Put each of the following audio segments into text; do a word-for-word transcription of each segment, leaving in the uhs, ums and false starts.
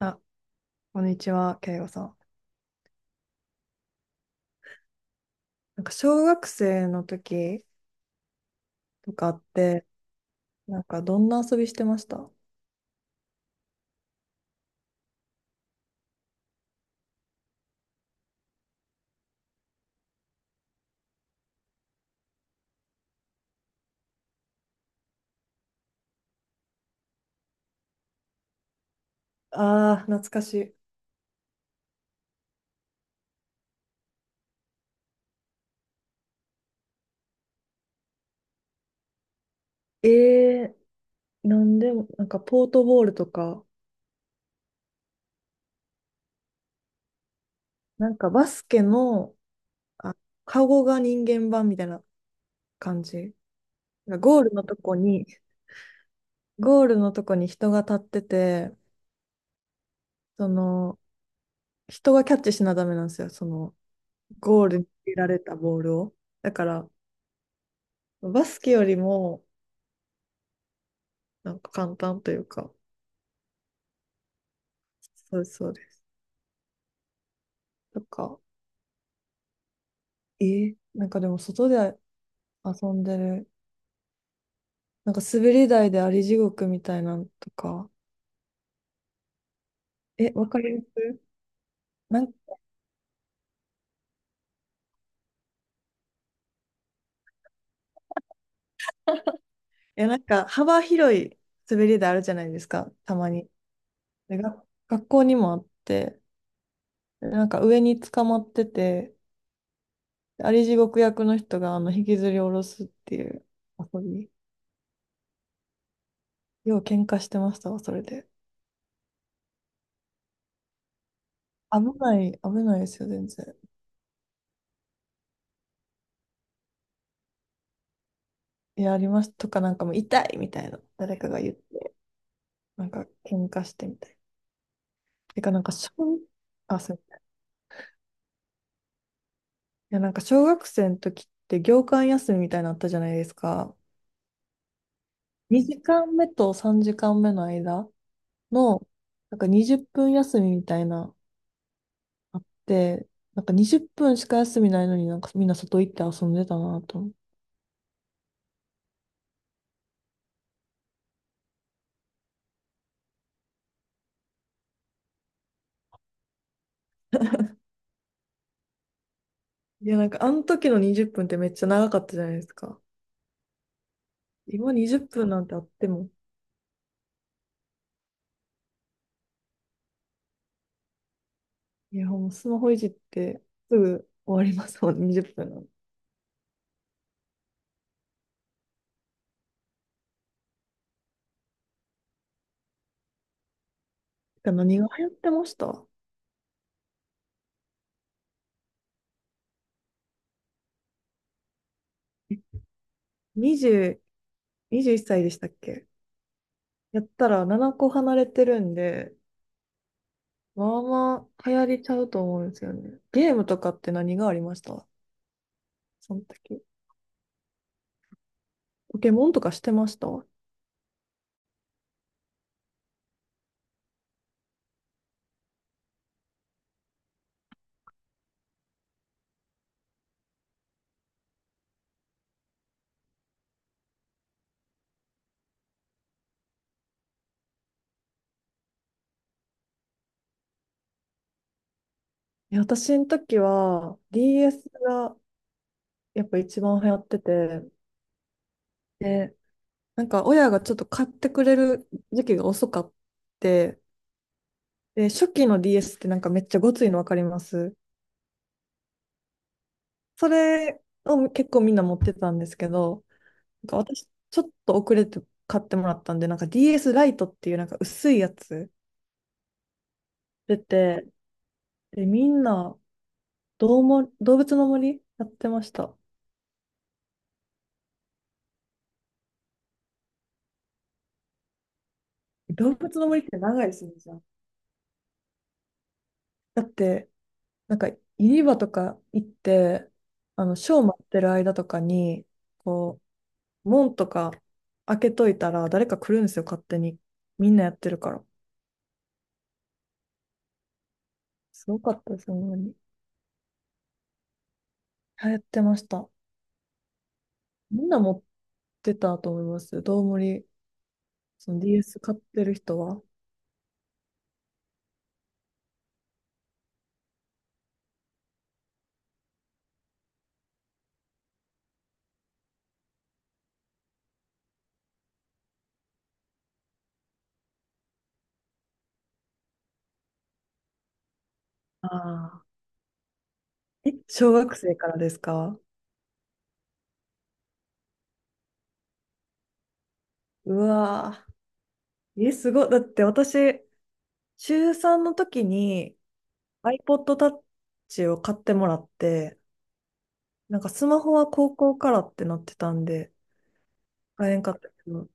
あ、こんにちは、慶吾さん。なんか小学生の時とかって、なんかどんな遊びしてました？ああー、懐かしい。えー、なんでも、なんかポートボールとか、なんかバスケの、あ、カゴが人間版みたいな感じ。なんかゴールのとこに、ゴールのとこに人が立ってて、その、人がキャッチしなダメなんですよ、その、ゴールに入れられたボールを。だから、バスケよりも、なんか簡単というか、そうそうです。とか、えーなんかでも外で遊んでる、なんか滑り台であり地獄みたいなのとか、え、わかります？なん、いや、なんか幅広い滑り台あるじゃないですか、たまに。で、が学校にもあって、でなんか上に捕まってて、であり地獄役の人があの引きずり下ろすっていう遊び。よう喧嘩してましたわ、それで。危ない、危ないですよ、全然。いや、あります。とか、なんかもう痛いみたいな、誰かが言って。なんか喧嘩してみたい。てかなんか小、あ、そう。いやなんか小学生の時って業間休みみたいなのあったじゃないですか。にじかんめとさんじかんめの間の、なんかにじゅっぷん休みみたいな、あって、なんかにじゅっぷんしか休みないのになんかみんな外行って遊んでたなと思って。いやなんかあの時のにじゅっぷんっぷんってめっちゃ長かったじゃないですか。今にじゅっぷんなんてあっても、いやもうスマホいじってすぐ終わりますもん、にじゅっぷんなんて。てか何が流行ってました？ にじゅう にじゅういっさいでしたっけ？やったらななこ離れてるんで、まあまあ流行りちゃうと思うんですよね。ゲームとかって何がありました？その時。ポケモンとかしてました？いや私の時は ディーエス がやっぱ一番流行ってて、で、なんか親がちょっと買ってくれる時期が遅かって、で、初期の ディーエス ってなんかめっちゃごついのわかります？それを結構みんな持ってたんですけど、なんか私、ちょっと遅れて買ってもらったんで、なんか ディーエス ライトっていうなんか薄いやつ出て、で、みんな、どうも、動物の森やってました。動物の森って長いですね、じゃあ。だって、なんか、ユニバとか行って、あの、ショー待ってる間とかに、こう、門とか開けといたら、誰か来るんですよ、勝手に。みんなやってるから。すごかったです、ほんまに。流行ってました。みんな持ってたと思います。どうもりその ディーエス 買ってる人は。ああー、え、小学生からですか？うわー。え、すごい。だって私、中ちゅうさんの時に アイポッドタッチ を買ってもらって、なんかスマホは高校からってなってたんで、買えんかったけど。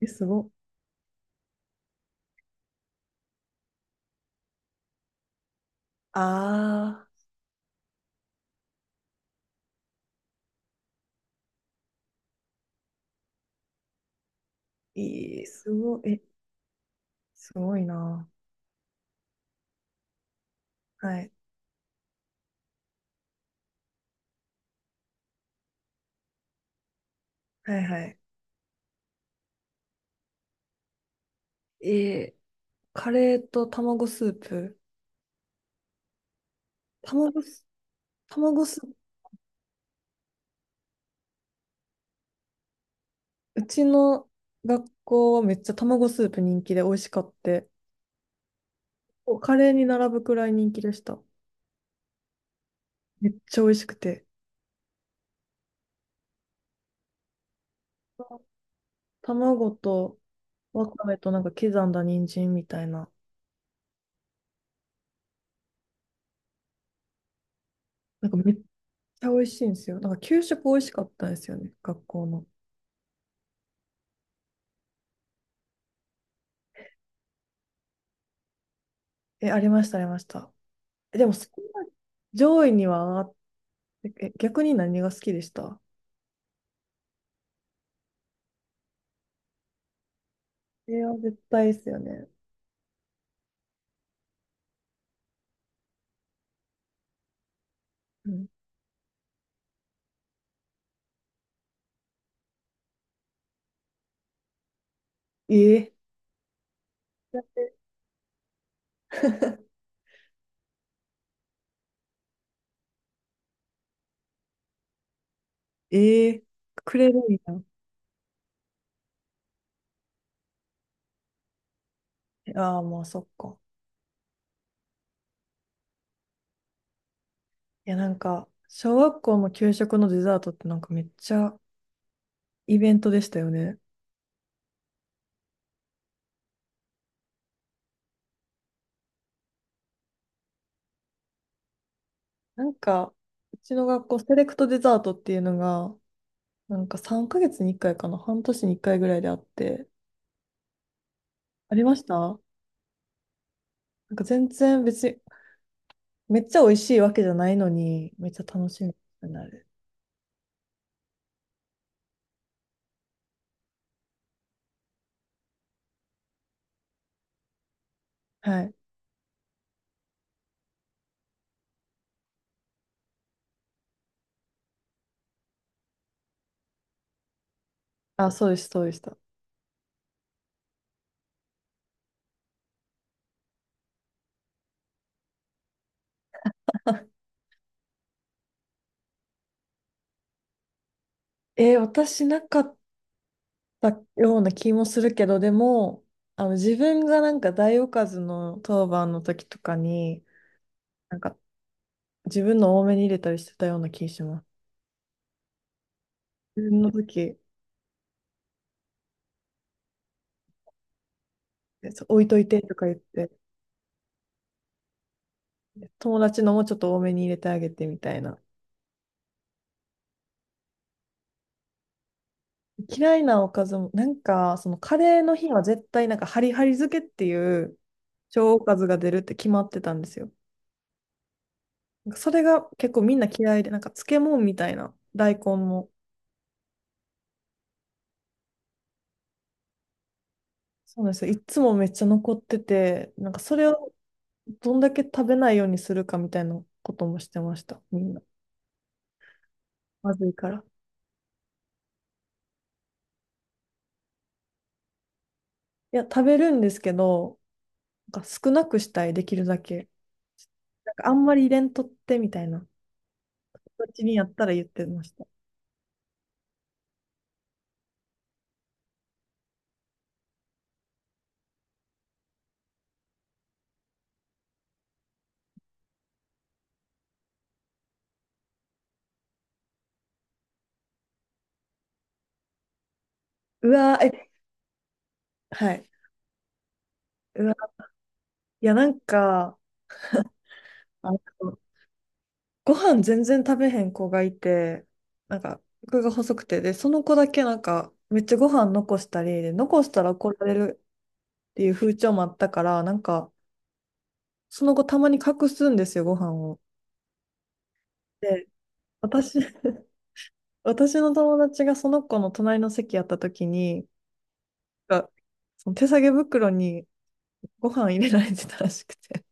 え、すごっ。あー、いい、すごい。え、すごいな。はい。はいはい。えーカレーと卵スープ。卵ス、卵スーうちの学校はめっちゃ卵スープ人気で美味しかって、おカレーに並ぶくらい人気でした。めっちゃ美味しくて。卵とわかめとなんか刻んだ人参みたいな。なんかめっちゃ美味しいんですよ。なんか給食美味しかったんですよね、学校の。え、ありました、ありました。え、でもそんな上位には上がって、え、逆に何が好きでした？えれは絶対ですよね。うん。えー、だって えー、くれるんや。ああ、まあそっか。いや、なんか、小学校の給食のデザートってなんかめっちゃイベントでしたよね。なんか、うちの学校セレクトデザートっていうのが、なんかさんかげつにいっかいかいかな、半年にいっかいぐらいであって、ありましたなんか全然別に、めっちゃ美味しいわけじゃないのに、めっちゃ楽しみになる。はい。あ、そうです、そうでした。えー私なかったような気もするけど、でも、あの自分がなんか大おかずの当番の時とかに、なんか自分の多めに入れたりしてたような気がします。自分の時、そう置いといてとか言って、友達のもちょっと多めに入れてあげてみたいな。嫌いなおかずも、なんか、そのカレーの日は絶対なんかハリハリ漬けっていう小おかずが出るって決まってたんですよ。なんかそれが結構みんな嫌いで、なんか漬物みたいな、大根も。そうなんですよ。いつもめっちゃ残ってて、なんかそれをどんだけ食べないようにするかみたいなこともしてました、みんな。まずいから。いや、食べるんですけど、なんか少なくしたい、できるだけ。なんかあんまり入れんとってみたいな形にやったら言ってました。うわー、え、はい。うわ、いや、なんか、あのご飯全然食べへん子がいて、なんか、僕が細くて、で、その子だけなんか、めっちゃご飯残したり、で、残したら怒られるっていう風潮もあったから、なんか、その子たまに隠すんですよ、ご飯を。で、私、私の友達がその子の隣の席やった時に、か、その手提げ袋にご飯入れられてたらしくて。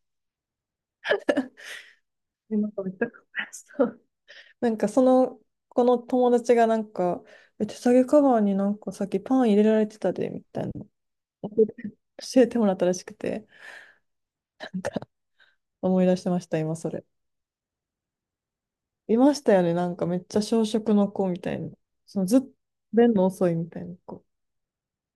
でなんかめっちゃ混乱なんかその、この友達がなんか、え手提げカバーになんかさっきパン入れられてたで、みたいな。教えて教えてもらったらしくて、なんか思い出してました、今それ。いましたよね、なんかめっちゃ小食の子みたいな。そのずっと便の遅いみたいな子。